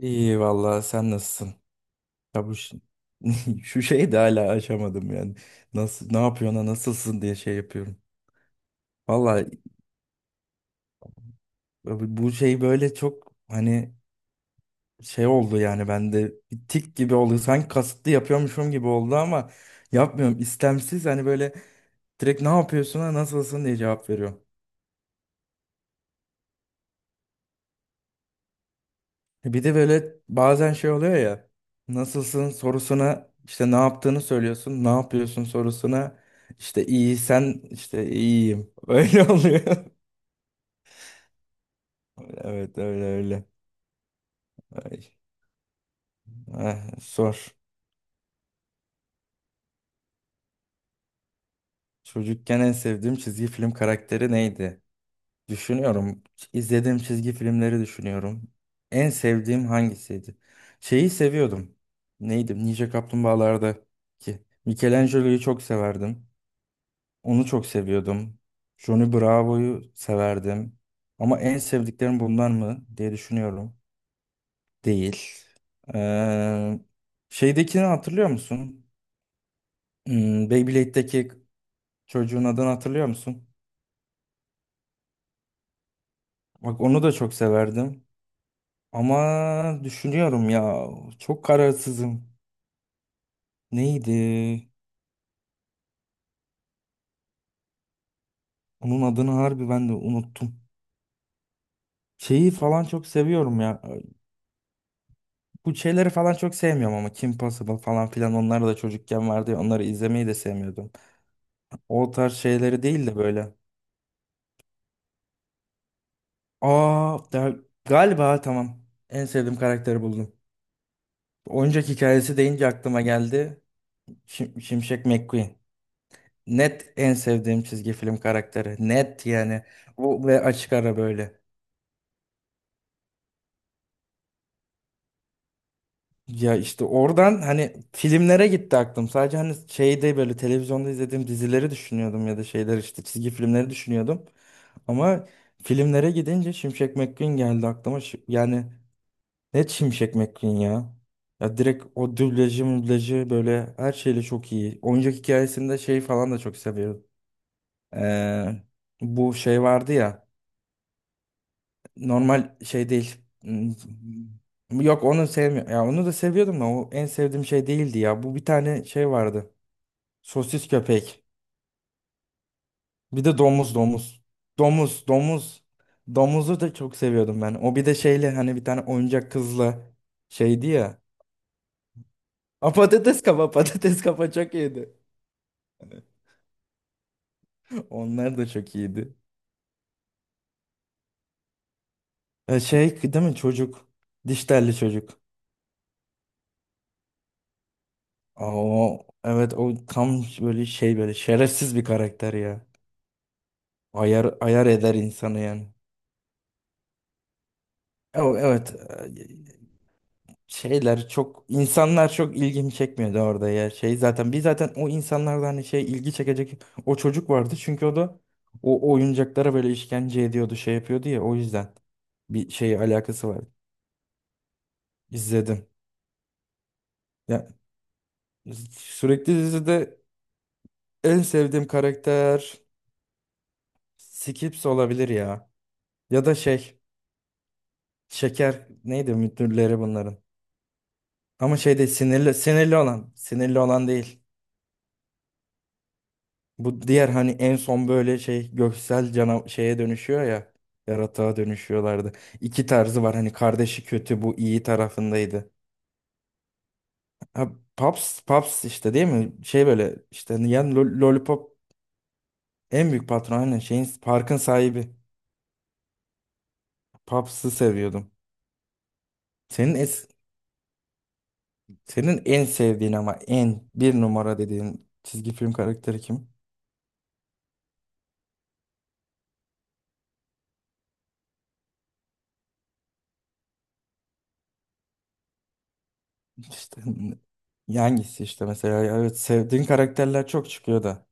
İyi vallahi sen nasılsın? Ya bu ş- şu şeyi de hala aşamadım yani. Nasıl ne yapıyorsun ha, nasılsın diye şey yapıyorum. Vallahi bu şey böyle çok hani şey oldu yani bende bir tik gibi oldu. Sanki kasıtlı yapıyormuşum gibi oldu ama yapmıyorum. İstemsiz hani böyle direkt ne yapıyorsun ha nasılsın diye cevap veriyorum. Bir de böyle bazen şey oluyor ya. Nasılsın sorusuna işte ne yaptığını söylüyorsun. Ne yapıyorsun sorusuna işte iyi sen işte iyiyim. Öyle oluyor. Evet öyle öyle. Ay, sor. Çocukken en sevdiğim çizgi film karakteri neydi? Düşünüyorum. İzlediğim çizgi filmleri düşünüyorum. En sevdiğim hangisiydi? Şeyi seviyordum. Neydi? Ninja Kaplumbağalar'daki. Michelangelo'yu çok severdim. Onu çok seviyordum. Johnny Bravo'yu severdim. Ama en sevdiklerim bunlar mı diye düşünüyorum. Değil. Ee, şeydekini hatırlıyor musun? Hmm, Beyblade'deki çocuğun adını hatırlıyor musun? Bak onu da çok severdim. Ama düşünüyorum ya. Çok kararsızım. Neydi? Onun adını harbi ben de unuttum. Şeyi falan çok seviyorum ya. Bu şeyleri falan çok sevmiyorum ama Kim Possible falan filan onlar da çocukken vardı ya onları izlemeyi de sevmiyordum. O tarz şeyleri değil de böyle. Aa da- galiba tamam, en sevdiğim karakteri buldum. Oyuncak hikayesi deyince aklıma geldi. Şimşek McQueen. Net en sevdiğim çizgi film karakteri. Net yani. Bu ve açık ara böyle. Ya işte oradan hani filmlere gitti aklım. Sadece hani şeyde böyle televizyonda izlediğim dizileri düşünüyordum ya da şeyler işte çizgi filmleri düşünüyordum. Ama filmlere gidince Şimşek McQueen geldi aklıma. Yani ne Şimşek McQueen ya? Ya direkt o dublajı mublajı böyle her şeyle çok iyi. Oyuncak hikayesinde şey falan da çok seviyorum. Ee, bu şey vardı ya, normal şey değil. Hmm, yok onu sevmiyorum. Ya onu da seviyordum da o en sevdiğim şey değildi ya. Bu bir tane şey vardı. Sosis köpek. Bir de domuz domuz. Domuz domuz. Domuzu da çok seviyordum ben. O bir de şeyle hani bir tane oyuncak kızla şeydi ya. A, patates kafa patates kafa çok iyiydi. Onlar da çok iyiydi. Şey değil mi çocuk? Diş telli çocuk. O, evet o tam böyle şey böyle şerefsiz bir karakter ya. Ayar ayar eder insanı yani. Evet, şeyler çok insanlar çok ilgimi çekmiyordu orada ya şey zaten biz zaten o insanlardan hani şey ilgi çekecek o çocuk vardı çünkü o da o oyuncaklara böyle işkence ediyordu şey yapıyordu ya o yüzden bir şey alakası var. İzledim ya, sürekli dizide en sevdiğim karakter Skips olabilir ya, ya da şey, Şeker neydi müdürleri bunların, ama şey değil sinirli, sinirli olan değil. Bu diğer hani en son böyle şey göksel cana şeye dönüşüyor ya. Yaratığa dönüşüyorlardı. İki tarzı var hani kardeşi kötü bu iyi tarafındaydı. Ha, Paps, Paps işte değil mi? Şey böyle işte yani Lollipop en büyük patron, aynen şeyin parkın sahibi. Paps'ı seviyordum. Senin es senin en sevdiğin ama en bir numara dediğin çizgi film karakteri kim? İşte hangisi işte mesela evet sevdiğin karakterler çok çıkıyor da.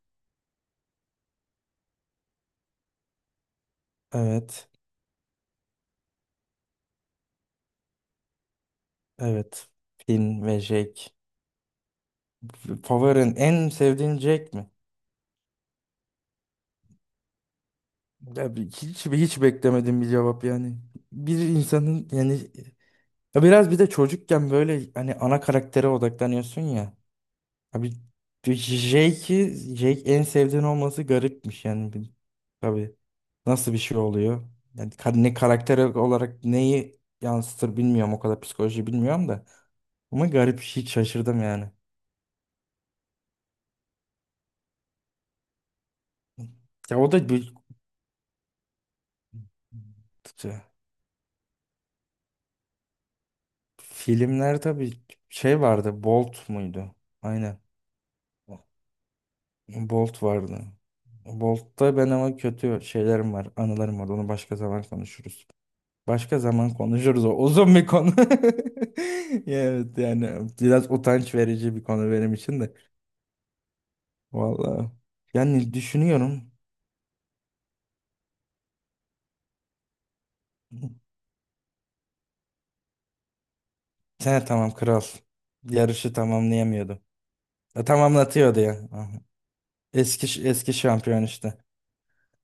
Evet. Evet. Finn ve Jake. Favorin en sevdiğin Jake mi? Hiç hiç beklemedim bir cevap yani. Bir insanın yani ya biraz bir de çocukken böyle hani ana karaktere odaklanıyorsun ya. Abi Jake'i, Jake en sevdiğin olması garipmiş yani. Tabii nasıl bir şey oluyor? Yani ne karakter olarak neyi yansıtır bilmiyorum, o kadar psikoloji bilmiyorum da. Ama garip, hiç şaşırdım yani. Ya o da bir, Filmler tabii şey vardı. Bolt muydu? Aynen. Bolt vardı. Bolt'ta ben ama kötü şeylerim var, anılarım var. Onu başka zaman konuşuruz. Başka zaman konuşuruz. O uzun bir konu. Evet yani biraz utanç verici bir konu benim için de. Vallahi. Yani düşünüyorum. Sen tamam kral. Yarışı tamamlayamıyordu. Tamamlatıyordu ya. Aha. Eski eski şampiyon işte.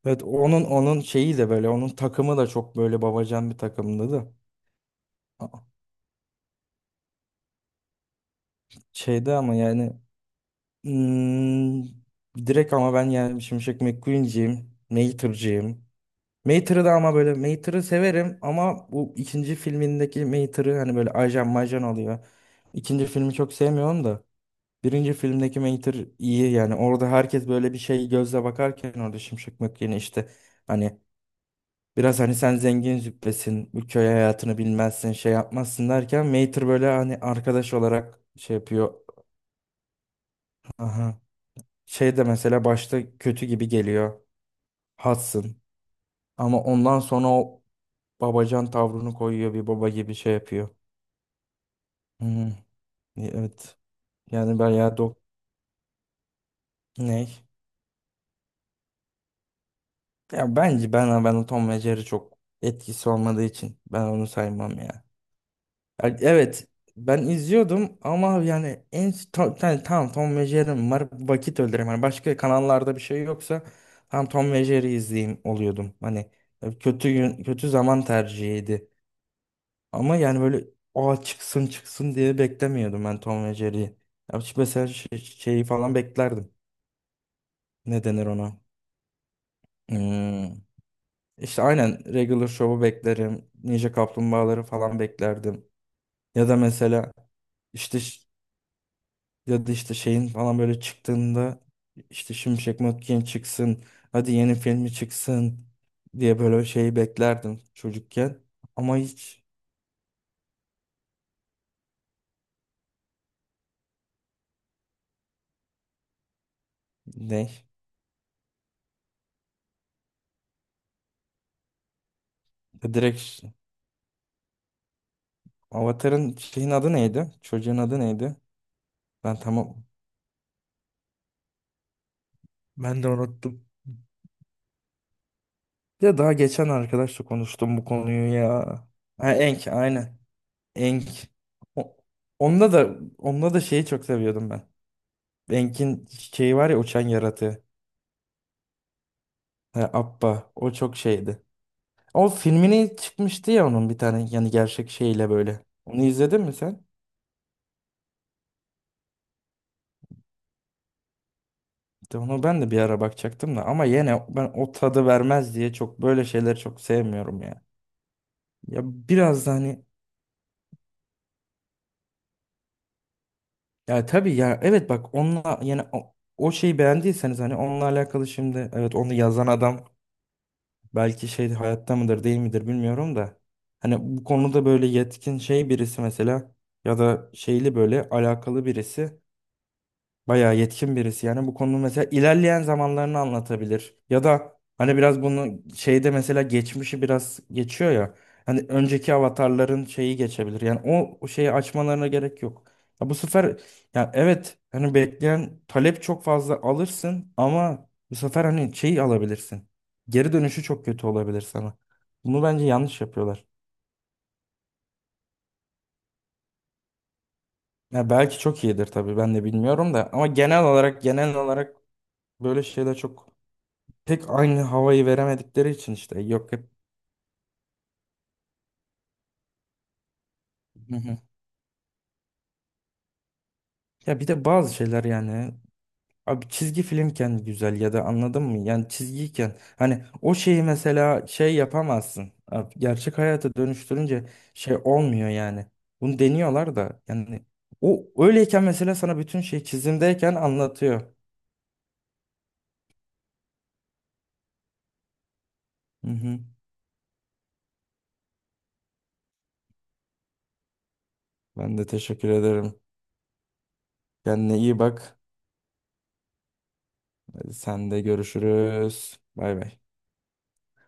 Evet onun şeyi de böyle onun takımı da çok böyle babacan bir takımdı da. A- Şeyde ama yani, hmm, direkt ama ben yani Şimşek McQueen'ciyim. Mater'cıyım. Mater'ı da ama böyle Mater'ı severim ama bu ikinci filmindeki Mater'ı hani böyle ajan majan oluyor. İkinci filmi çok sevmiyorum da. Birinci filmdeki Mater iyi yani orada herkes böyle bir şey gözle bakarken orada Şimşek McQueen'i işte hani biraz hani sen zengin züppesin, bu köy hayatını bilmezsin, şey yapmazsın derken Mater böyle hani arkadaş olarak şey yapıyor. Aha. Şey de mesela başta kötü gibi geliyor. Hudson. Ama ondan sonra o babacan tavrını koyuyor, bir baba gibi şey yapıyor. Hmm, evet. Yani ben ya ne? Ya bence ben o Tom ve Jerry çok etkisi olmadığı için ben onu saymam ya. Ya evet ben izliyordum ama yani en tam, yani tamam Tom ve Jerry'm var vakit öldüreyim. Hani başka kanallarda bir şey yoksa tam Tom ve Jerry izleyeyim oluyordum. Hani kötü gün, kötü zaman tercihiydi. Ama yani böyle o çıksın çıksın diye beklemiyordum ben Tom ve Jerry'yi. Ya şu mesela şeyi falan beklerdim. Ne denir ona? Hmm. İşte aynen Regular Show'u beklerim. Ninja Kaplumbağaları falan beklerdim. Ya da mesela işte, ya da işte şeyin falan böyle çıktığında işte Şimşek Mökken çıksın. Hadi yeni filmi çıksın diye böyle şeyi beklerdim çocukken. Ama hiç, ne? Ya Direkt ş- Avatar'ın şeyin adı neydi? Çocuğun adı neydi? Ben tamam. Ben de unuttum. Ya daha geçen arkadaşla konuştum bu konuyu ya. Ha, Enk aynen. Enk. O- onda da şeyi çok seviyordum ben. Enk'in şeyi var ya uçan yaratığı. Ha, Appa. O çok şeydi. O filmini çıkmıştı ya, onun bir tane yani gerçek şeyle böyle. Onu izledin mi sen? İşte onu ben de bir ara bakacaktım da ama yine ben o tadı vermez diye çok böyle şeyleri çok sevmiyorum ya. Ya biraz da hani, ya tabii ya evet bak onunla yani o, o şeyi beğendiyseniz hani onunla alakalı şimdi, evet onu yazan adam belki şey hayatta mıdır değil midir bilmiyorum da, hani bu konuda böyle yetkin şey birisi mesela ya da şeyli böyle alakalı birisi. Bayağı yetkin birisi yani bu konuda mesela ilerleyen zamanlarını anlatabilir ya da hani biraz bunu şeyde mesela geçmişi biraz geçiyor ya, hani önceki avatarların şeyi geçebilir yani o, o şeyi açmalarına gerek yok. Ya bu sefer, ya evet hani bekleyen talep çok fazla alırsın ama bu sefer hani şeyi alabilirsin, geri dönüşü çok kötü olabilir sana, bunu bence yanlış yapıyorlar. Ya belki çok iyidir tabii ben de bilmiyorum da ama genel olarak böyle şeyler çok pek aynı havayı veremedikleri için işte yok hep. Hı hı. Ya bir de bazı şeyler yani, abi çizgi filmken güzel ya da anladın mı? Yani çizgiyken hani o şeyi mesela şey yapamazsın. Abi, gerçek hayata dönüştürünce şey olmuyor yani. Bunu deniyorlar da yani o öyleyken mesela sana bütün şey çizimdeyken anlatıyor. Hı hı. Ben de teşekkür ederim. Kendine iyi bak. Hadi sen de görüşürüz. Bay bay.